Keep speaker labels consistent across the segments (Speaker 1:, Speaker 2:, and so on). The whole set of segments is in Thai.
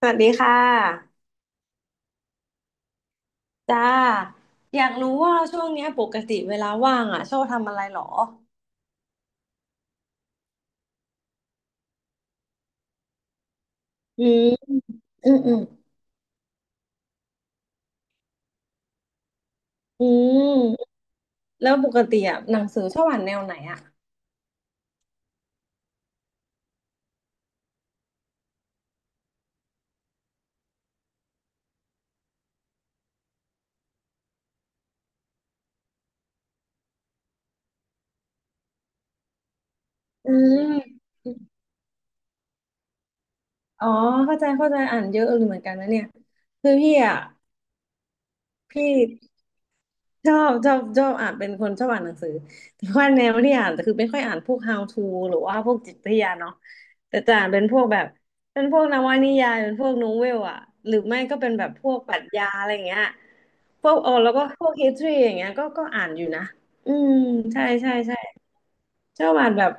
Speaker 1: สวัสดีค่ะจ้าอยากรู้ว่าช่วงเนี้ยปกติเวลาว่างอ่ะชอบทำอะไรหรออืมอืมอืมอืมแล้วปกติอ่ะหนังสือชอบอ่านแนวไหนอ่ะอืมอ๋อเข้าใจเข้าใจอ่านเยอะเลยเหมือนกันนะเนี่ยคือพี่อ่ะพี่ ชอบอ่านเป็นคนชอบอ่านหนังสือแต่ว่าแนวที่อ่านคือไม่ค่อยอ่านพวก How to หรือว่าพวกจิตวิทยาเนาะแต่จะอ่านเป็นพวกแบบเป็นพวกนวนิยายเป็นพวกโนเวลอะหรือไม่ก็เป็นแบบพวกปรัชญาอะไรอย่างเงี้ยพวกอ๋อแล้วก็พวก history อย่างเงี้ยก็อ่านอยู่นะอืมใช่ใช่ใช่ชอบอ่านแบบ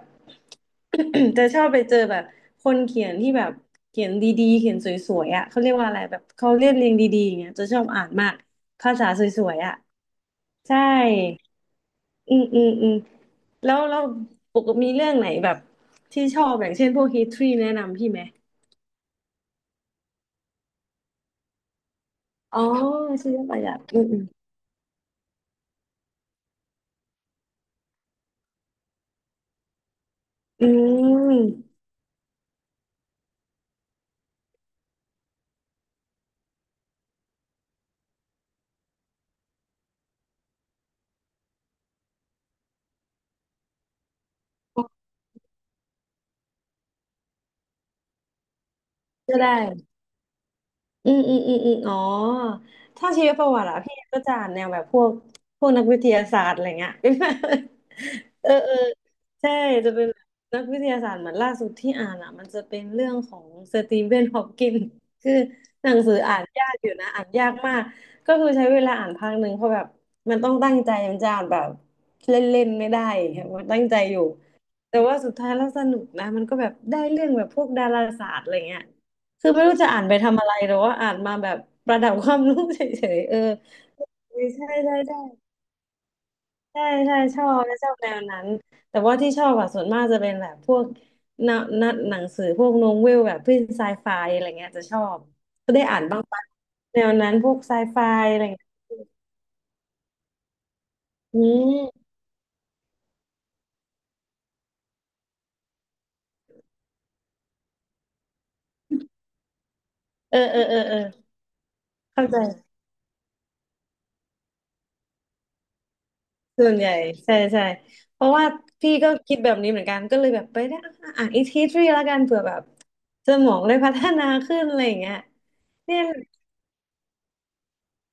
Speaker 1: จะชอบไปเจอแบบคนเขียนที่แบบเขียนดีๆเขียนสวยๆอ่ะเขาเรียกว่าอะไรแบบเขาเรียบเรียงดีๆอย่างเงี้ยจะชอบอ่านมากภาษาสวยๆอ่ะใช่ อืมอืมอืมแล้วเราปกติมีเรื่องไหนแบบที่ชอบอย่างเช่นพวก history แนะนำพี่ไหมอ๋อชีวประวัติอืมอืมอืมก็ได้ อืมอืมอืมอืมอ๋อถ้าชีวประวัติอะพี่ก็จะอ่านแนวแบบพวกพวกนักวิทยาศาสตร์อะไรเงี้ย เออเออใช่จะเป็นนักวิทยาศาสตร์เหมือนล่าสุดที่อ่านอะมันจะเป็นเรื่องของสตีเวนฮอปกินคือหนังสืออ่านยากอยู่นะอ่านยากมากก็คือใช้เวลาอ่านพักหนึ่งเพราะแบบมันต้องตั้งใจมันจะอ่านแบบเล่นๆไม่ได้อย่างเงี้ยมันตั้งใจอยู่แต่ว่าสุดท้ายแล้วสนุกนะมันก็แบบได้เรื่องแบบพวกดาราศาสตร์อะไรเงี้ย คือไม่รู้จะอ่านไปทำอะไรหรือว่าอ่านมาแบบประดับความรู้เฉยๆเออใช่ใช่ใช่ใช่ใช่ชอบและชอบแนวนั้นแต่ว่าที่ชอบอะส่วนมากจะเป็นแบบพวกนนหนังสือพวกโนเวลแบบพว้นไซไฟอะไรเงี้ยจะชอบก็ได้อ่านบ้างปะแนวนั้นพวกไซไฟอะไรเงี้ยอืมเออเออเออเออเข้าใจ ส่วนใหญ่ใช่ใช่เพราะว่าพี่ก็คิดแบบนี้เหมือนกันก็เลยแบบไปได้อะอ่านอีกทีทรีแล้วกันเผื่อแบบสมองได้พัฒนาขึ้นอะไรอย่างเงี้ยเนี่ย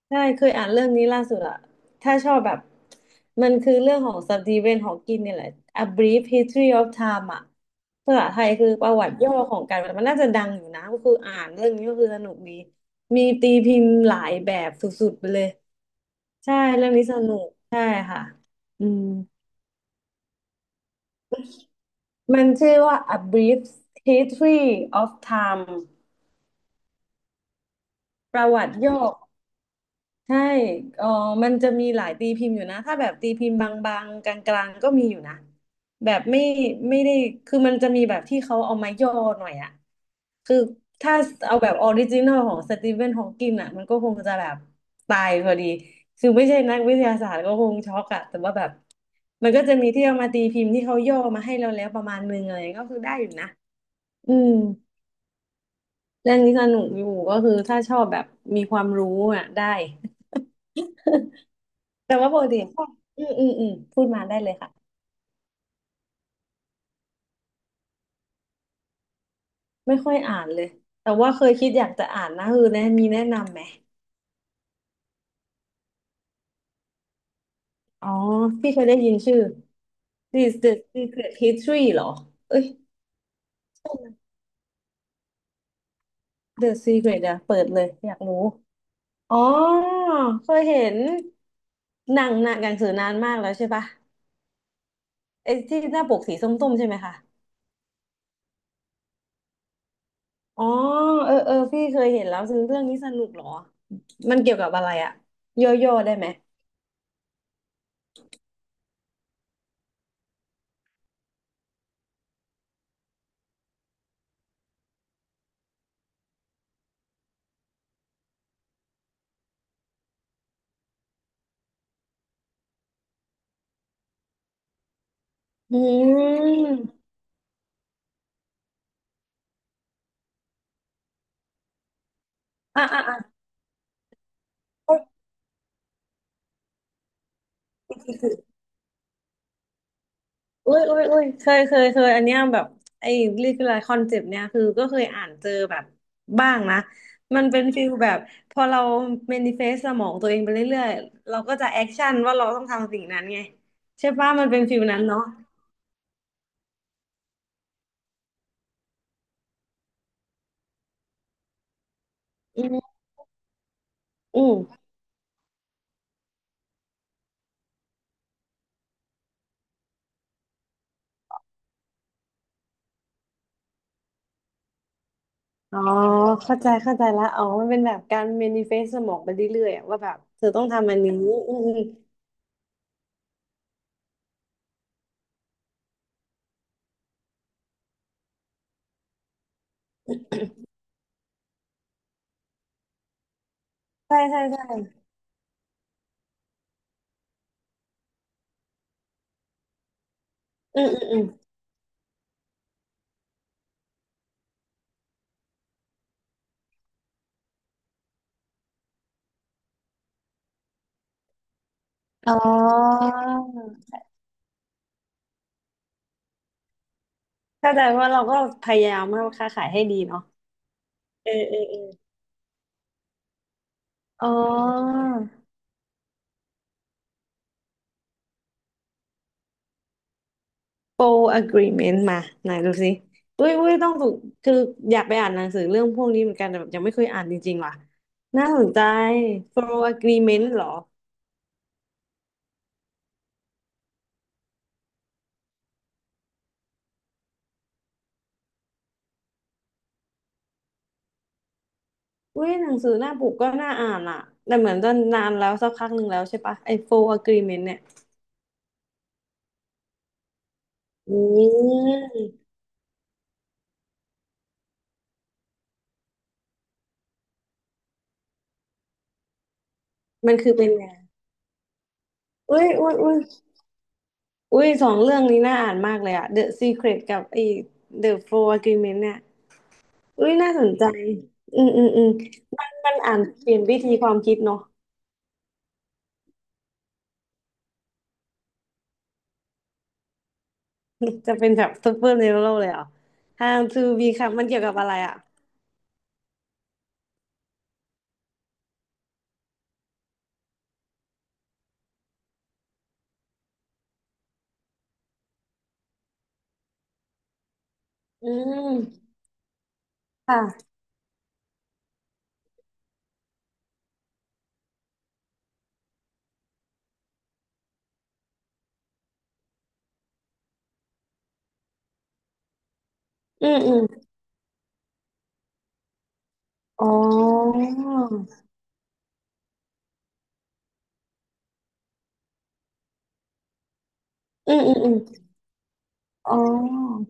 Speaker 1: ใช่เคยอ่านเรื่องนี้ล่าสุดอะถ้าชอบแบบมันคือเรื่องของสตีเวนฮอว์กินเนี่ยแหละ A Brief History of Time อะภาษาไทยคือประวัติย่อของการมันน่าจะดังอยู่นะก็คืออ่านเรื่องนี้ก็คือสนุกดีมีตีพิมพ์หลายแบบสุดๆไปเลยใช่เรื่องนี้สนุกใช่ค่ะอืม มันชื่อว่า A Brief History of Time ประวัติโย่อใช่เออมันจะมีหลายตีพิมพ์อยู่นะ ถ้าแบบตีพิมพ์บางๆกลางๆก็มีอยู่นะ แบบไม่ได้ คือมันจะมีแบบที่เขาเอามาย่อหน่อยอะคือถ้าเอาแบบออริจินอลของสตีเวนฮอว์กินอะมันก็คงจะแบบตายพอดีคือไม่ใช่นักวิทยาศาสตร์ก็คงช็อกอะแต่ว่าแบบมันก็จะมีที่เอามาตีพิมพ์ที่เขาย่อมาให้เราแล้วประมาณนึงอะไรก็คือได้อยู่นะอืม เรื่องนี้สนุกอยู่ก็คือถ้าชอบแบบมีความรู้อ่ะได้แต่ว่าปกติชอบอืมอืมอืมพูดมาได้เลยค่ะไม่ค่อยอ่านเลยแต่ว่าเคยคิดอยากจะอ่านนะคือแนะมีแนะนำไหมอ๋อพี่เคยได้ยินชื่อ This the Secret History เหรอเอ้ย The Secret เดี๋ยวเปิดเลยอยากรู้อ๋อเคยเห็นหนังสือนานมากแล้วใช่ปะไอ้ที่หน้าปกสีส้มๆใช่ไหมคะ อ๋อเออเออพี่เคยเห็นแล้วซึ่งเรื่องนี้สนุกเหรอมันเกี่ยวกับอะไรอะโยโย่ได้ไหมอืมอ่ะอ่ะอ่ะอุ้ยอุ้ยอุ้ยเคยอันเนี้ยแบบไอ้เรียกอะไรคอนเซปต์เนี้ยคือก็เคยอ่านเจอแบบบ้างนะมันเป็นฟิลแบบพอเราเมนิเฟสสมองตัวเองไปเรื่อยๆเราก็จะแอคชั่นว่าเราต้องทำสิ่งนั้นไงใช่ป่ะมันเป็นฟิลนั้นเนาะอืมอืม อ๋อเข้าใจเข้าใจละอ๋อมันเป็นแบบการ manifest สมองไปเรื่อยๆอะว่าแบบเธอต้องทำอันนี้อืมๆใช่ใช่ใช่อืมอืมอืมอ๋อเข้าใจว่าเราก็พยายามทาค้าขายให้ดีเนาะเออเออเอออ๋อ full agreement มาไหนดูสิอุ้ยอุ้ยต้องถูกคืออยากไปอ่านหนังสือเรื่องพวกนี้เหมือนกันแต่แบบยังไม่เคยอ่านจริงๆว่ะน่าสนใจ f u l agreement เหรอ อุ้ยหนังสือหน้าปกก็น่าอ่านอ่ะแต่เหมือนจะนานแล้วสักพักหนึ่งแล้วใช่ปะไอ้โฟ u ์อ agreement เนี่ยอืมมันคือเป็นไงอุ้ยอุ้ยสองเรื่องนี้น่าอ่านมากเลยอ่ะ The Secret กับไอ้ The f u r Agreement เนี่ยอุ้ยน่าสนใจอืมมันอ่านเปลี่ยนวิธีความคิดเนาะ จะเป็นแบบซูเปอร์เนโรเลยเหรอ How to Become มันเกี่ยวกับอะไรอะอืมค่ะอืมอ๋ออืมอ๋อ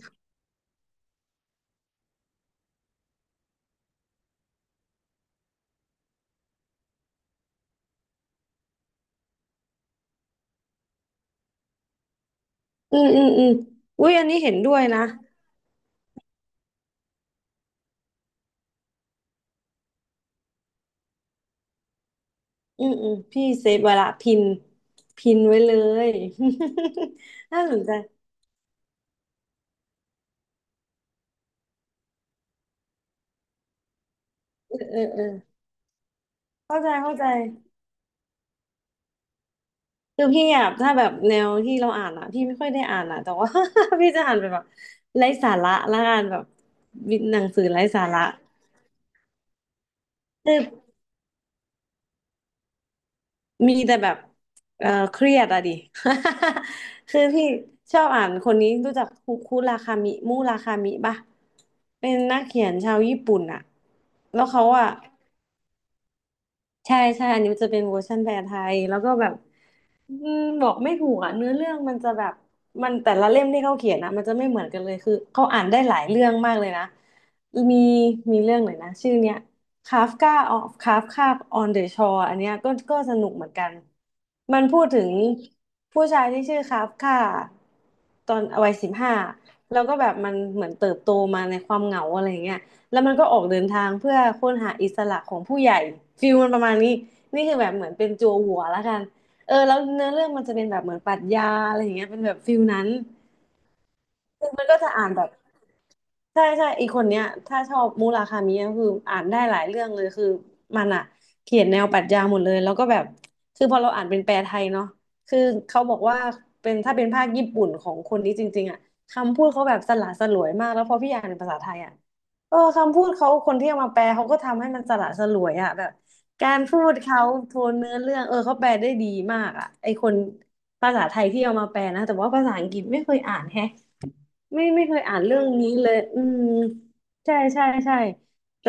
Speaker 1: อืมอุ้ยอันนี้เห็นด้วยนะอืมพี่เซฟไว้ละพินพินไว้เลย น่าสนใจเออเข้าใจเข้าใจคือพี่อ่ะถ้าแบบแนวที่เราอ่านอ่ะพี่ไม่ค่อยได้อ่านอ่ะแต่ว่า พี่จะอ่านไปแบบไร้สาระละกันแบบหนังสือไร้สาระ มีแต่แบบเออเครียดอะดิ คือพี่ชอบอ่านคนนี้รู้จักคุคุราคามิมุราคามิปะเป็นนักเขียนชาวญี่ปุ่นอะแล้วเขาอะใช่ อันนี้มันจะเป็นเวอร์ชันแปลไทยแล้วก็แบบ อืมบอกไม่ถูกอ่ะเนื้อเรื่องมันจะแบบมันแต่ละเล่มที่เขาเขียนนะมันจะไม่เหมือนกันเลยคือเขาอ่านได้หลายเรื่องมากเลยนะมีมีเรื่องไหนนะชื่อเนี้ยคาฟกาออฟคาฟคาบออนเดอะชอร์อันเนี้ยก็สนุกเหมือนกันมันพูดถึงผู้ชายที่ชื่อคาฟกาตอนวัย15แล้วก็แบบมันเหมือนเติบโตมาในความเหงาอะไรเงี้ยแล้วมันก็ออกเดินทางเพื่อค้นหาอิสระของผู้ใหญ่ฟิลมันประมาณนี้นี่คือแบบเหมือนเป็นจั่วหัวแล้วกัน เออแล้วเนื้อเรื่องมันจะเป็นแบบเหมือนปรัชญาอะไรอย่างเงี้ยเป็นแบบฟิลนั้น คือมันก็จะอ่านแบบใช่อีกคนเนี้ยถ้าชอบมุราคามิก็คืออ่านได้หลายเรื่องเลยคือมันอ่ะเขียนแนวปรัชญาหมดเลยแล้วก็แบบคือพอเราอ่านเป็นแปลไทยเนาะคือเขาบอกว่าเป็นถ้าเป็นภาคญี่ปุ่นของคนนี้จริงๆอ่ะคำพูดเขาแบบสละสลวยมากแล้วพอพี่อ่านเป็นภาษาไทยอ่ะเออคำพูดเขาคนที่เอามาแปลเขาก็ทำให้มันสละสลวยอ่ะแบบการพูดเขาโทนเนื้อเรื่องเออเขาแปลได้ดีมากอ่ะไอคนภาษาไทยที่เอามาแปลนะแต่ว่าภาษาอังกฤษไม่เคยอ่านแฮะ ไม่เคยอ่านเรื่องนี้เลยอืมใช่แต่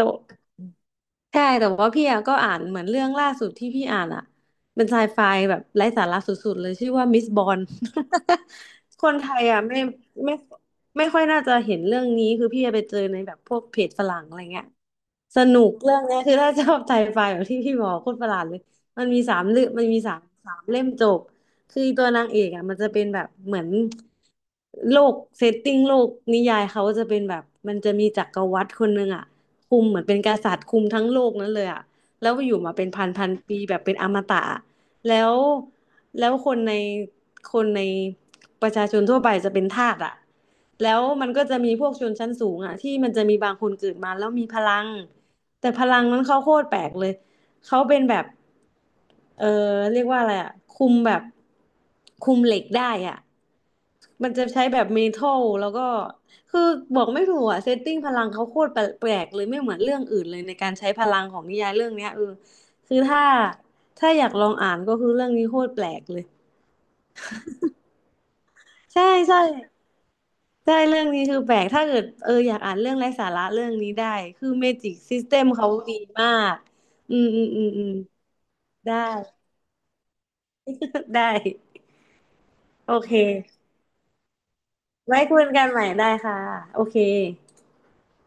Speaker 1: ใช่แต่ว่าพี่อะก็อ่านเหมือนเรื่องล่าสุดที่พี่อ่านอะเป็นไซไฟแบบไร้สาระสุดๆเลยชื่อว่ามิสบอน คนไทยอะไม่ไม่ค่อยน่าจะเห็นเรื่องนี้คือพี่ไปเจอในแบบพวกเพจฝรั่งอะไรเงี้ยสนุกเรื่องเนี้ยคือถ้าชอบไซไฟแบบที่พี่บอกโคตรประหลาดเลยมันมีสามเล่มจบ คือตัวนางเอกอ่ะมันจะเป็นแบบเหมือนโลกเซตติ้งโลกนิยายเขาจะเป็นแบบมันจะมีจักรวรรดิคนหนึ่งอ่ะคุมเหมือนเป็นกษัตริย์คุมทั้งโลกนั้นเลยอ่ะแล้วอยู่มาเป็นพันพันปีแบบเป็นอมตะแล้วแล้วคนในคนในประชาชนทั่วไปจะเป็นทาสอ่ะแล้วมันก็จะมีพวกชนชั้นสูงอ่ะที่มันจะมีบางคนเกิดมาแล้วมีพลังแต่พลังนั้นเขาโคตรแปลกเลย เขาเป็นแบบเออเรียกว่าอะไรอ่ะคุมแบบคุมเหล็กได้อ่ะมันจะใช้แบบเมทัลแล้วก็คือบอกไม่ถูกอ่ะเซตติ้งพลังเขาโคตรแปลกๆเลยไม่เหมือนเรื่องอื่นเลยในการใช้พลังของนิยายเรื่องเนี้ยเออคือถ้าอยากลองอ่านก็คือเรื่องนี้โคตรแปลกเลยใช่ใช่ใช่เรื่องนี้คือแปลกถ้าเกิดเอออยากอ่านเรื่องไร้สาระเรื่องนี้ได้คือเมจิกซิสเต็มเขาดีมากอืมได้ ได้ โอเคไว้คุยกันใหม่ได้ค่ะโอเค